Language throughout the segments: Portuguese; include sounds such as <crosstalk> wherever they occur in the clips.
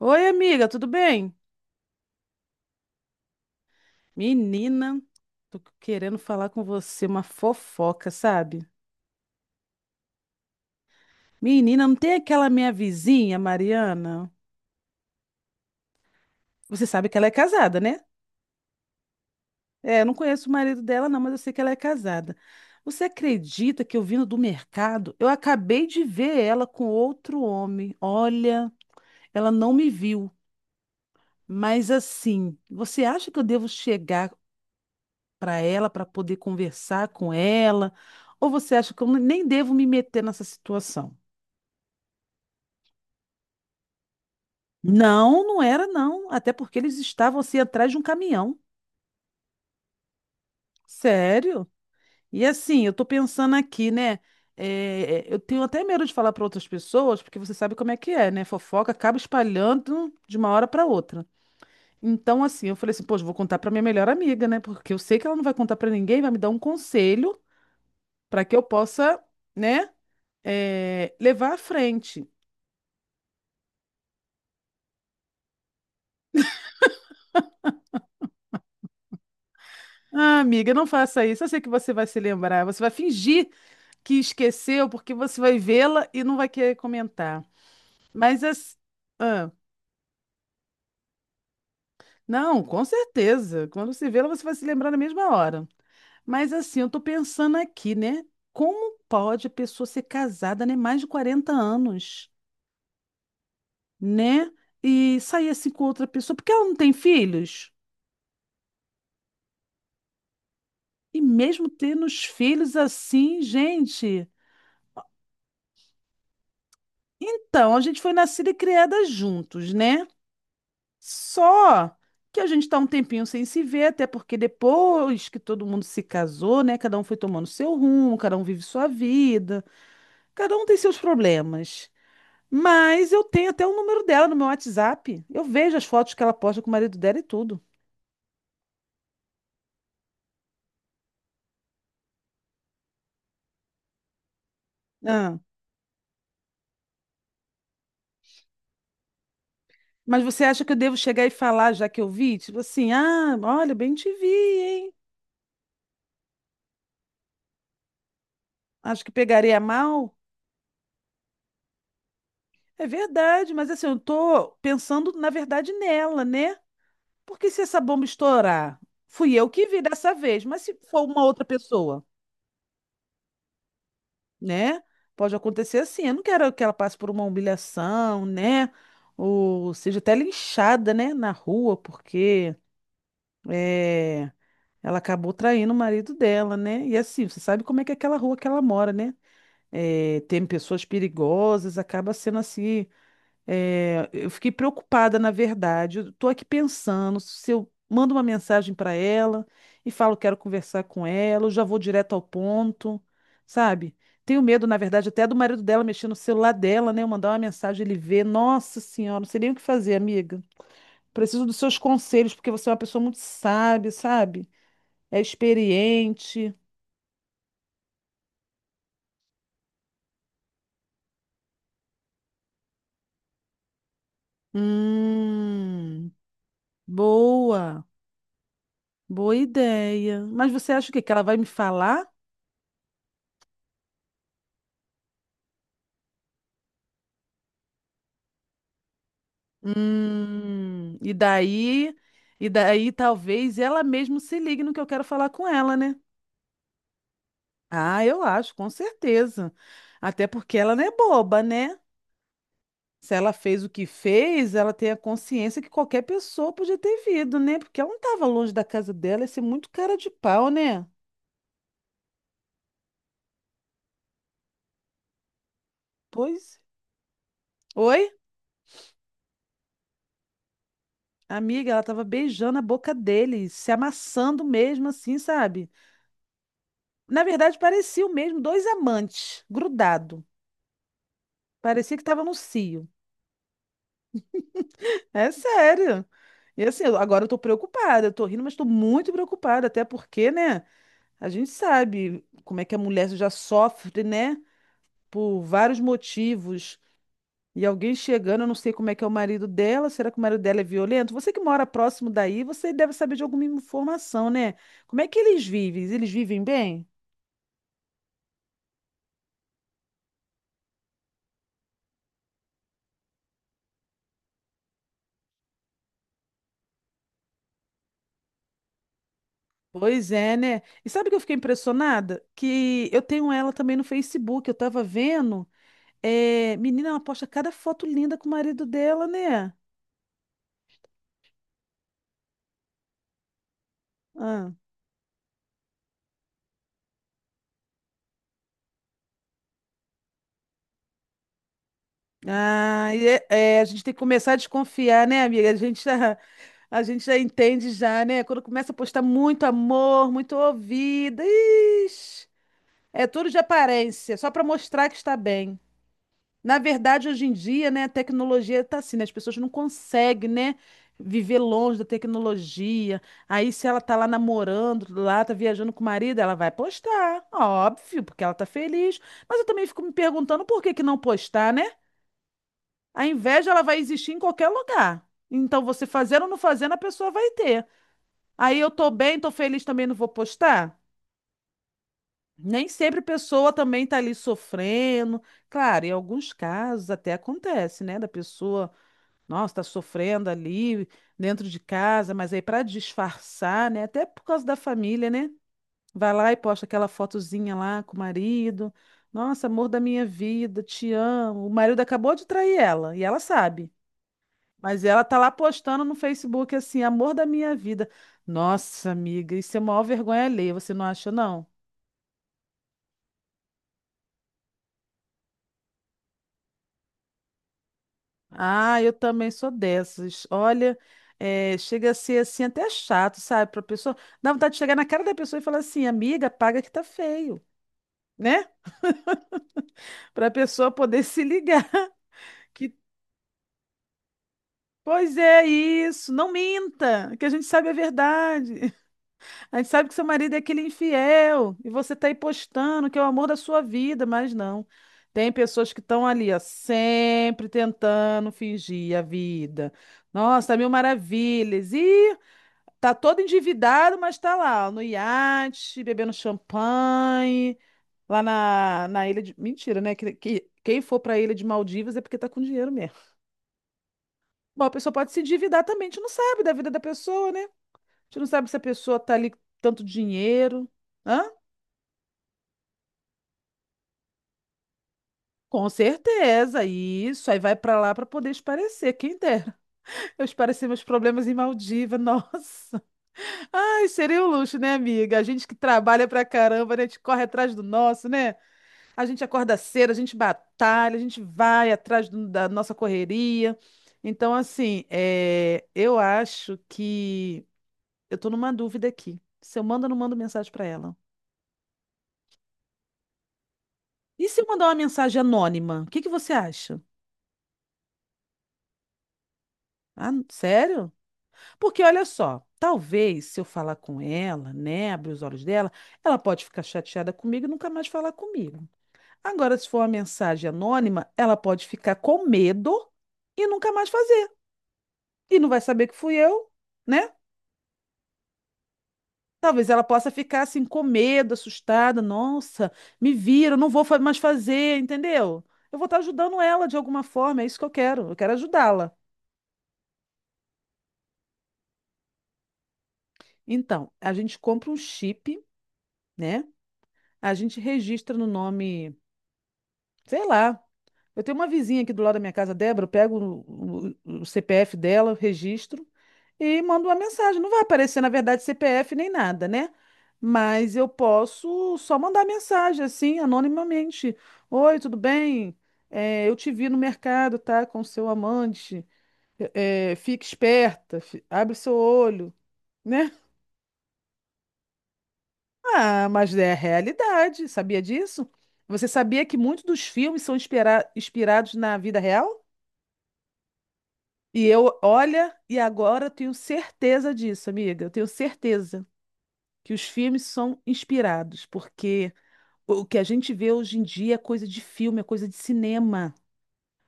Oi, amiga, tudo bem? Menina, tô querendo falar com você uma fofoca, sabe? Menina, não tem aquela minha vizinha, Mariana? Você sabe que ela é casada, né? É, eu não conheço o marido dela, não, mas eu sei que ela é casada. Você acredita que eu vindo do mercado, eu acabei de ver ela com outro homem? Olha, ela não me viu. Mas assim, você acha que eu devo chegar para ela, para poder conversar com ela? Ou você acha que eu nem devo me meter nessa situação? Não, não era não, até porque eles estavam assim atrás de um caminhão. Sério? E assim, eu tô pensando aqui, né? Eu tenho até medo de falar para outras pessoas, porque você sabe como é que é, né? Fofoca acaba espalhando de uma hora para outra. Então, assim, eu falei assim, poxa, vou contar para minha melhor amiga, né? Porque eu sei que ela não vai contar para ninguém, vai me dar um conselho para que eu possa, né, levar à frente. Ah, amiga, não faça isso. Eu sei que você vai se lembrar. Você vai fingir que esqueceu, porque você vai vê-la e não vai querer comentar. Mas as- ah, não, com certeza. Quando você vê-la, você vai se lembrar na mesma hora. Mas assim, eu tô pensando aqui, né? Como pode a pessoa ser casada, né? Mais de 40 anos, né? E sair assim com outra pessoa, porque ela não tem filhos? E mesmo tendo os filhos assim, gente. Então, a gente foi nascida e criada juntos, né? Só que a gente está um tempinho sem se ver, até porque depois que todo mundo se casou, né? Cada um foi tomando seu rumo, cada um vive sua vida, cada um tem seus problemas. Mas eu tenho até o número dela no meu WhatsApp. Eu vejo as fotos que ela posta com o marido dela e tudo. Ah, mas você acha que eu devo chegar e falar, já que eu vi? Tipo assim, ah, olha, bem te vi, hein? Acho que pegaria mal. É verdade, mas assim, eu tô pensando, na verdade, nela, né? Porque se essa bomba estourar, fui eu que vi dessa vez, mas se for uma outra pessoa, né? Pode acontecer assim. Eu não quero que ela passe por uma humilhação, né? Ou seja, até linchada, né? Na rua, porque é, ela acabou traindo o marido dela, né? E assim, você sabe como é que é aquela rua que ela mora, né? É, tem pessoas perigosas, acaba sendo assim. É, eu fiquei preocupada, na verdade. Eu tô aqui pensando se eu mando uma mensagem para ela e falo que quero conversar com ela, eu já vou direto ao ponto, sabe? Tenho medo, na verdade, até do marido dela mexer no celular dela, né? Eu mandar uma mensagem, ele ver. Nossa Senhora, não sei nem o que fazer, amiga. Preciso dos seus conselhos, porque você é uma pessoa muito sábia, sabe? É experiente. Hum, boa, boa ideia. Mas você acha o quê? Que ela vai me falar? Hum, e daí, e daí talvez ela mesmo se ligue no que eu quero falar com ela, né? Ah, eu acho, com certeza. Até porque ela não é boba, né? Se ela fez o que fez, ela tem a consciência que qualquer pessoa podia ter vindo, né? Porque ela não estava longe da casa dela, ia ser muito cara de pau, né? Pois. Oi? Amiga, ela estava beijando a boca dele, se amassando mesmo assim, sabe? Na verdade, parecia o mesmo dois amantes, grudado. Parecia que estava no cio. É sério. E assim, agora eu tô preocupada, eu tô rindo, mas tô muito preocupada, até porque, né, a gente sabe como é que a mulher já sofre, né, por vários motivos. E alguém chegando, eu não sei como é que é o marido dela, será que o marido dela é violento? Você que mora próximo daí, você deve saber de alguma informação, né? Como é que eles vivem? Eles vivem bem? Pois é, né? E sabe o que eu fiquei impressionada? Que eu tenho ela também no Facebook, eu tava vendo. É, menina, ela posta cada foto linda com o marido dela, né? Ah, É, a gente tem que começar a desconfiar, né, amiga? A gente já entende já, né? Quando começa a postar muito amor, muito ouvida, ixi, é tudo de aparência, só para mostrar que está bem. Na verdade, hoje em dia, né, a tecnologia está assim, né, as pessoas não conseguem, né, viver longe da tecnologia. Aí, se ela tá lá namorando, lá tá viajando com o marido, ela vai postar, óbvio, porque ela tá feliz. Mas eu também fico me perguntando por que que não postar, né? A inveja, ela vai existir em qualquer lugar. Então, você fazendo ou não fazendo, a pessoa vai ter. Aí, eu tô bem, tô feliz, também não vou postar? Nem sempre a pessoa também tá ali sofrendo. Claro, em alguns casos até acontece, né, da pessoa. Nossa, está sofrendo ali dentro de casa, mas aí para disfarçar, né? Até por causa da família, né? Vai lá e posta aquela fotozinha lá com o marido. Nossa, amor da minha vida, te amo. O marido acabou de trair ela e ela sabe. Mas ela tá lá postando no Facebook assim, amor da minha vida. Nossa, amiga, isso é a maior vergonha alheia, você não acha, não? Ah, eu também sou dessas. Olha, chega a ser assim até chato, sabe? Para pessoa, dá vontade de chegar na cara da pessoa e falar assim, amiga, paga que tá feio, né? Para a pessoa poder se ligar <laughs> que, pois é isso, não minta, que a gente sabe a verdade. <laughs> A gente sabe que seu marido é aquele infiel e você tá aí postando que é o amor da sua vida, mas não. Tem pessoas que estão ali, ó, sempre tentando fingir a vida. Nossa, mil maravilhas. Ih, tá todo endividado, mas tá lá, ó, no iate, bebendo champanhe, lá na ilha de. Mentira, né? Quem for pra ilha de Maldivas é porque tá com dinheiro mesmo. Bom, a pessoa pode se endividar também, a gente não sabe da vida da pessoa, né? A gente não sabe se a pessoa tá ali com tanto dinheiro. Hã? Com certeza, isso. Aí vai pra lá pra poder esparecer, quem dera. <laughs> Eu espareci meus problemas em Maldiva, <laughs> nossa. Ai, seria um luxo, né, amiga? A gente que trabalha pra caramba, né? A gente corre atrás do nosso, né? A gente acorda cedo, a gente batalha, a gente vai atrás da nossa correria. Então, assim, eu acho que eu tô numa dúvida aqui. Se eu mando ou não mando mensagem para ela? E se eu mandar uma mensagem anônima? O que que você acha? Ah, sério? Porque olha só, talvez se eu falar com ela, né, abrir os olhos dela, ela pode ficar chateada comigo e nunca mais falar comigo. Agora, se for uma mensagem anônima, ela pode ficar com medo e nunca mais fazer. E não vai saber que fui eu, né? Talvez ela possa ficar assim com medo, assustada. Nossa, me viram, não vou fa- mais fazer, entendeu? Eu vou estar ajudando ela de alguma forma, é isso que eu quero. Eu quero ajudá-la. Então, a gente compra um chip, né? A gente registra no nome, sei lá. Eu tenho uma vizinha aqui do lado da minha casa, Débora, eu pego o CPF dela, registro e mando uma mensagem. Não vai aparecer, na verdade, CPF nem nada, né? Mas eu posso só mandar mensagem, assim, anonimamente. Oi, tudo bem? É, eu te vi no mercado, tá? Com seu amante. Fique esperta, abre seu olho, né? Ah, mas é a realidade. Sabia disso? Você sabia que muitos dos filmes são inspirados na vida real? E eu, olha, e agora eu tenho certeza disso, amiga. Eu tenho certeza que os filmes são inspirados, porque o que a gente vê hoje em dia é coisa de filme, é coisa de cinema.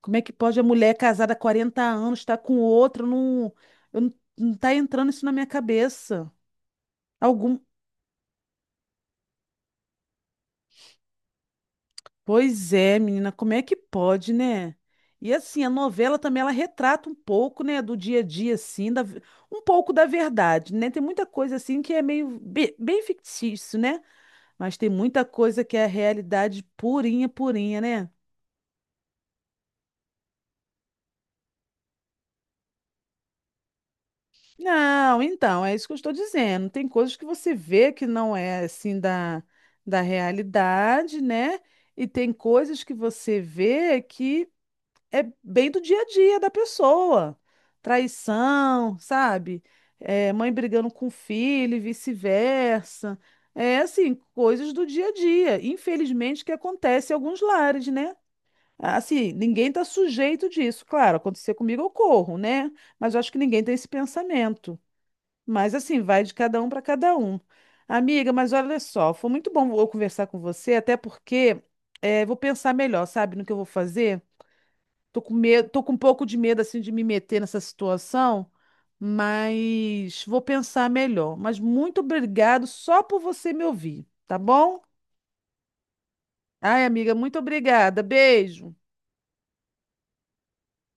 Como é que pode a mulher casada há 40 anos estar com outro? Não, eu não, não tá entrando isso na minha cabeça. Algum, Pois é, menina, como é que pode, né? E assim, a novela também ela retrata um pouco, né, do dia a dia assim, um pouco da verdade, né? Tem muita coisa assim que é meio bem fictício, né? Mas tem muita coisa que é a realidade purinha, purinha, né? Não, então, é isso que eu estou dizendo. Tem coisas que você vê que não é assim da realidade, né? E tem coisas que você vê que é bem do dia a dia da pessoa. Traição, sabe? É, mãe brigando com filho e vice-versa. É assim, coisas do dia a dia. Infelizmente, que acontece em alguns lares, né? Assim, ninguém está sujeito disso. Claro, acontecer comigo eu corro, né? Mas eu acho que ninguém tem esse pensamento. Mas assim, vai de cada um para cada um. Amiga, mas olha só, foi muito bom eu conversar com você, até porque vou pensar melhor, sabe, no que eu vou fazer. Tô com medo, tô com um pouco de medo assim de me meter nessa situação, mas vou pensar melhor. Mas muito obrigado só por você me ouvir, tá bom? Ai, amiga, muito obrigada. Beijo.